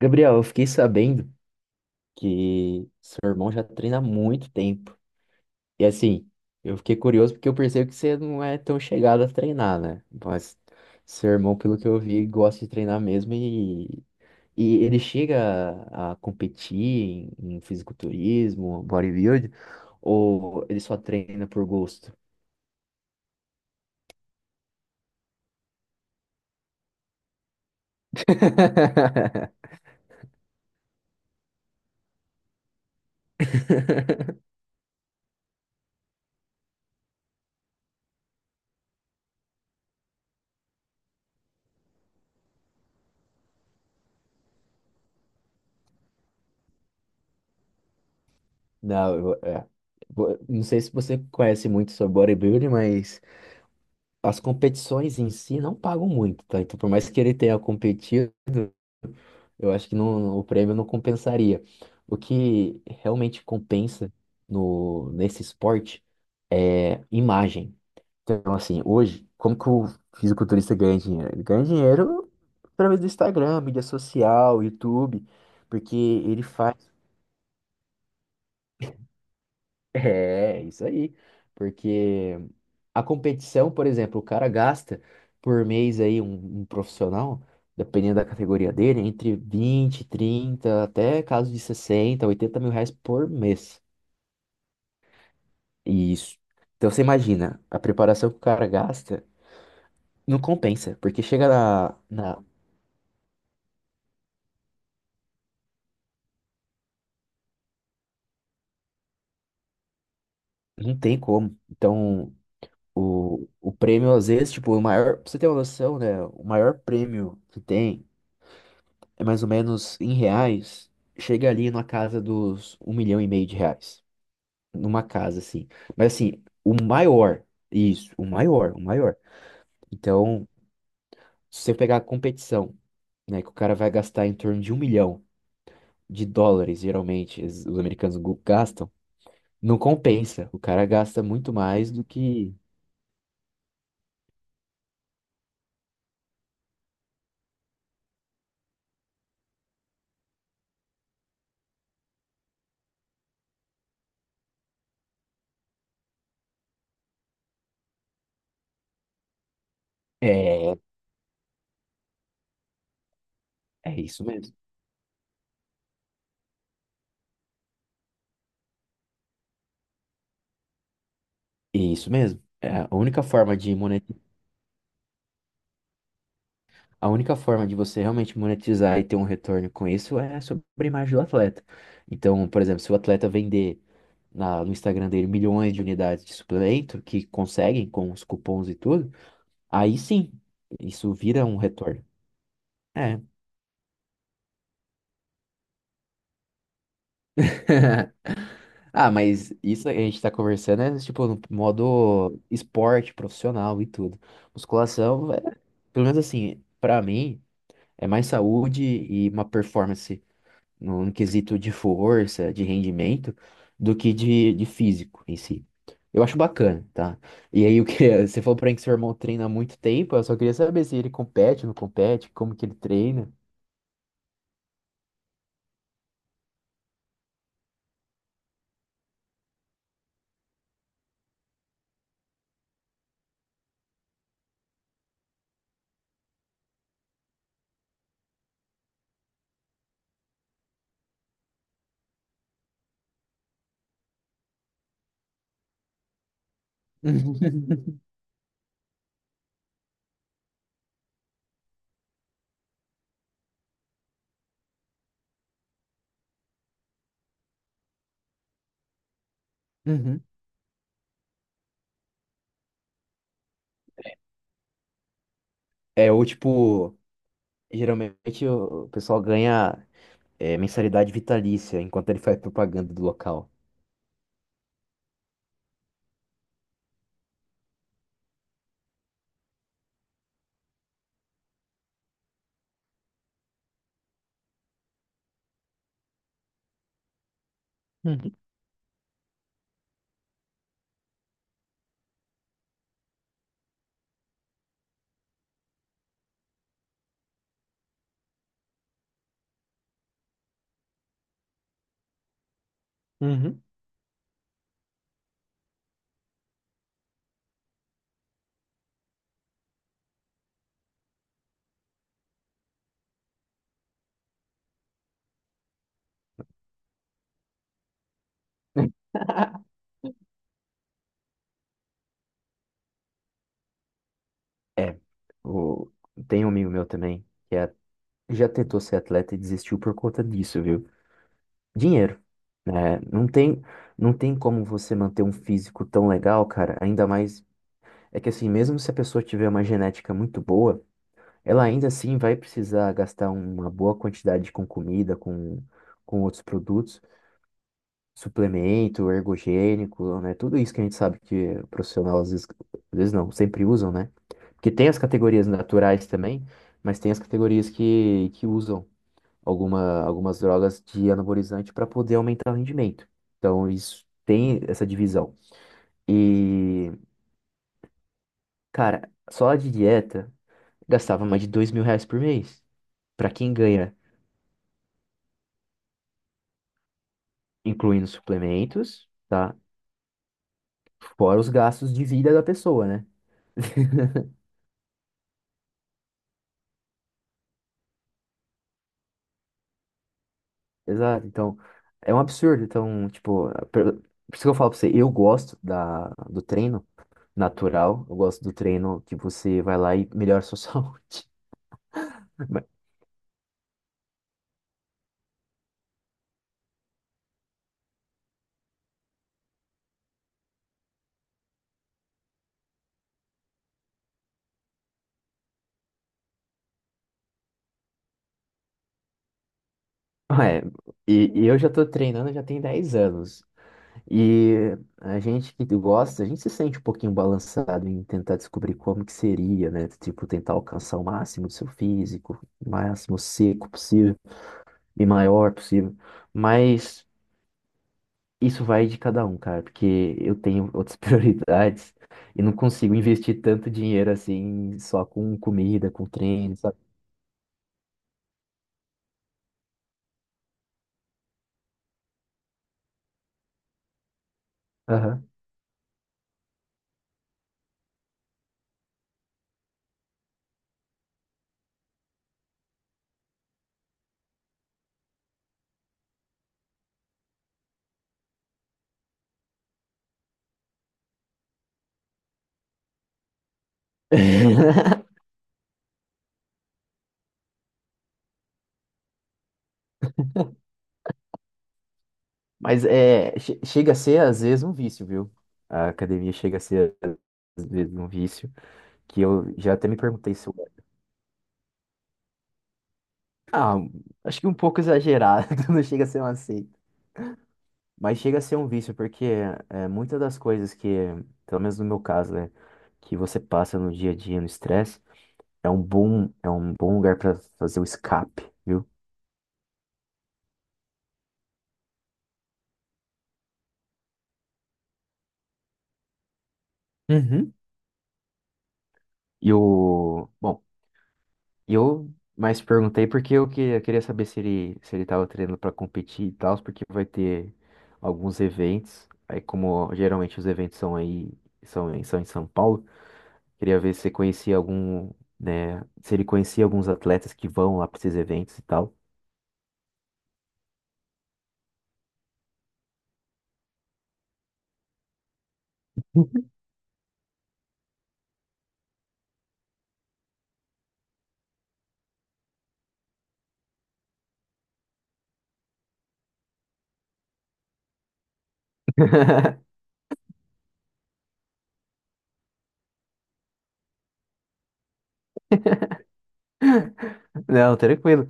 Gabriel, eu fiquei sabendo que seu irmão já treina há muito tempo. E assim, eu fiquei curioso porque eu percebo que você não é tão chegado a treinar, né? Mas seu irmão, pelo que eu vi, gosta de treinar mesmo e ele chega a competir em fisiculturismo, bodybuilding, ou ele só treina por gosto? Não, é. Não sei se você conhece muito sobre bodybuilding, mas as competições em si não pagam muito, tá? Então, por mais que ele tenha competido, eu acho que não, o prêmio não compensaria. O que realmente compensa no, nesse esporte é imagem. Então, assim, hoje, como que o fisiculturista ganha dinheiro? Ele ganha dinheiro através do Instagram, mídia social, YouTube, porque ele faz. É, isso aí. Porque a competição, por exemplo, o cara gasta por mês aí, um profissional, dependendo da categoria dele, entre 20, 30, até caso de 60, 80 mil reais por mês. Isso. Então você imagina, a preparação que o cara gasta não compensa, porque chega não tem como. Então, o prêmio, às vezes, tipo, o maior. Pra você ter uma noção, né? O maior prêmio que tem é mais ou menos em reais, chega ali na casa dos 1,5 milhão de reais. Numa casa, assim. Mas assim, o maior, isso, o maior, o maior. Então, se você pegar a competição, né, que o cara vai gastar em torno de 1 milhão de dólares, geralmente, os americanos gastam, não compensa. O cara gasta muito mais do que. É, é isso mesmo. É isso mesmo. A única forma de você realmente monetizar e ter um retorno com isso é sobre a imagem do atleta. Então, por exemplo, se o atleta vender no Instagram dele milhões de unidades de suplemento, que conseguem com os cupons e tudo, aí sim, isso vira um retorno. É. Ah, mas isso a gente tá conversando é tipo no modo esporte profissional e tudo. Musculação, é, pelo menos assim, pra mim, é mais saúde e uma performance no quesito de força, de rendimento, do que de físico em si. Eu acho bacana, tá? E aí, o que você falou pra mim que seu irmão treina há muito tempo, eu só queria saber se ele compete, não compete, como que ele treina. Uhum. É, ou tipo, geralmente o pessoal ganha mensalidade vitalícia enquanto ele faz propaganda do local. Uhum. Uhum. É, o... tem um amigo meu também já tentou ser atleta e desistiu por conta disso, viu? Dinheiro, né? Não tem como você manter um físico tão legal, cara. Ainda mais é que assim, mesmo se a pessoa tiver uma genética muito boa, ela ainda assim vai precisar gastar uma boa quantidade com comida, com outros produtos, suplemento, ergogênico, né? Tudo isso que a gente sabe que o profissional às vezes não, sempre usam, né? Porque tem as categorias naturais também, mas tem as categorias que usam algumas drogas de anabolizante para poder aumentar o rendimento. Então, isso tem essa divisão. E, cara, só a de dieta gastava mais de 2 mil reais por mês. Para quem ganha, incluindo suplementos, tá? Fora os gastos de vida da pessoa, né? Exato. Então, é um absurdo. Então, tipo, por isso que eu falo pra você, eu gosto do treino natural, eu gosto do treino que você vai lá e melhora a sua saúde. Ah, É, e eu já tô treinando já tem 10 anos. E a gente que gosta, a gente se sente um pouquinho balançado em tentar descobrir como que seria, né? Tipo, tentar alcançar o máximo do seu físico, o máximo seco possível e maior possível. Mas isso vai de cada um, cara, porque eu tenho outras prioridades e não consigo investir tanto dinheiro assim só com comida, com treino, sabe? Aham. Mas chega a ser, às vezes, um vício, viu? A academia chega a ser, às vezes, um vício, que eu já até me perguntei se eu. Ah, acho que um pouco exagerado, não chega a ser uma seita. Mas chega a ser um vício, porque muitas das coisas que, pelo menos no meu caso, né, que você passa no dia a dia, no estresse, é um bom lugar para fazer o escape, viu? Uhum. Bom, e eu mais perguntei porque eu queria saber se ele tava treinando para competir e tal, porque vai ter alguns eventos. Aí como geralmente os eventos são em São Paulo, queria ver se você conhecia algum, né, se ele conhecia alguns atletas que vão lá para esses eventos e tal. Não, tranquilo.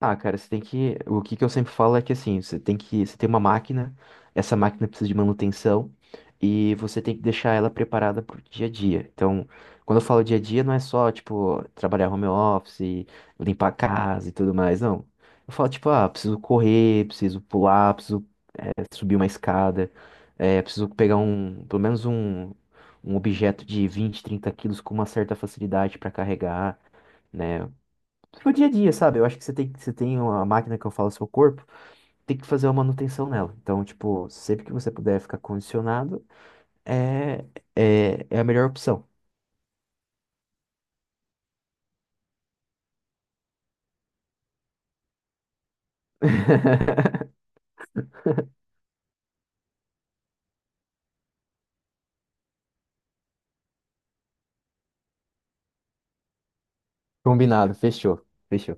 Ah, cara, você tem que. O que que eu sempre falo é que assim, você tem que. Você tem uma máquina, essa máquina precisa de manutenção e você tem que deixar ela preparada pro dia a dia. Então, quando eu falo dia a dia, não é só, tipo, trabalhar home office, limpar a casa e tudo mais, não. Eu falo, tipo, ah, preciso correr, preciso pular, preciso subir uma escada, preciso pegar um, pelo menos um, objeto de 20, 30 quilos com uma certa facilidade para carregar, né? Pro dia a dia, sabe? Eu acho que você tem uma máquina que eu falo seu corpo, tem que fazer uma manutenção nela. Então, tipo, sempre que você puder ficar condicionado, é, é a melhor opção. Combinado, fechou, fechou.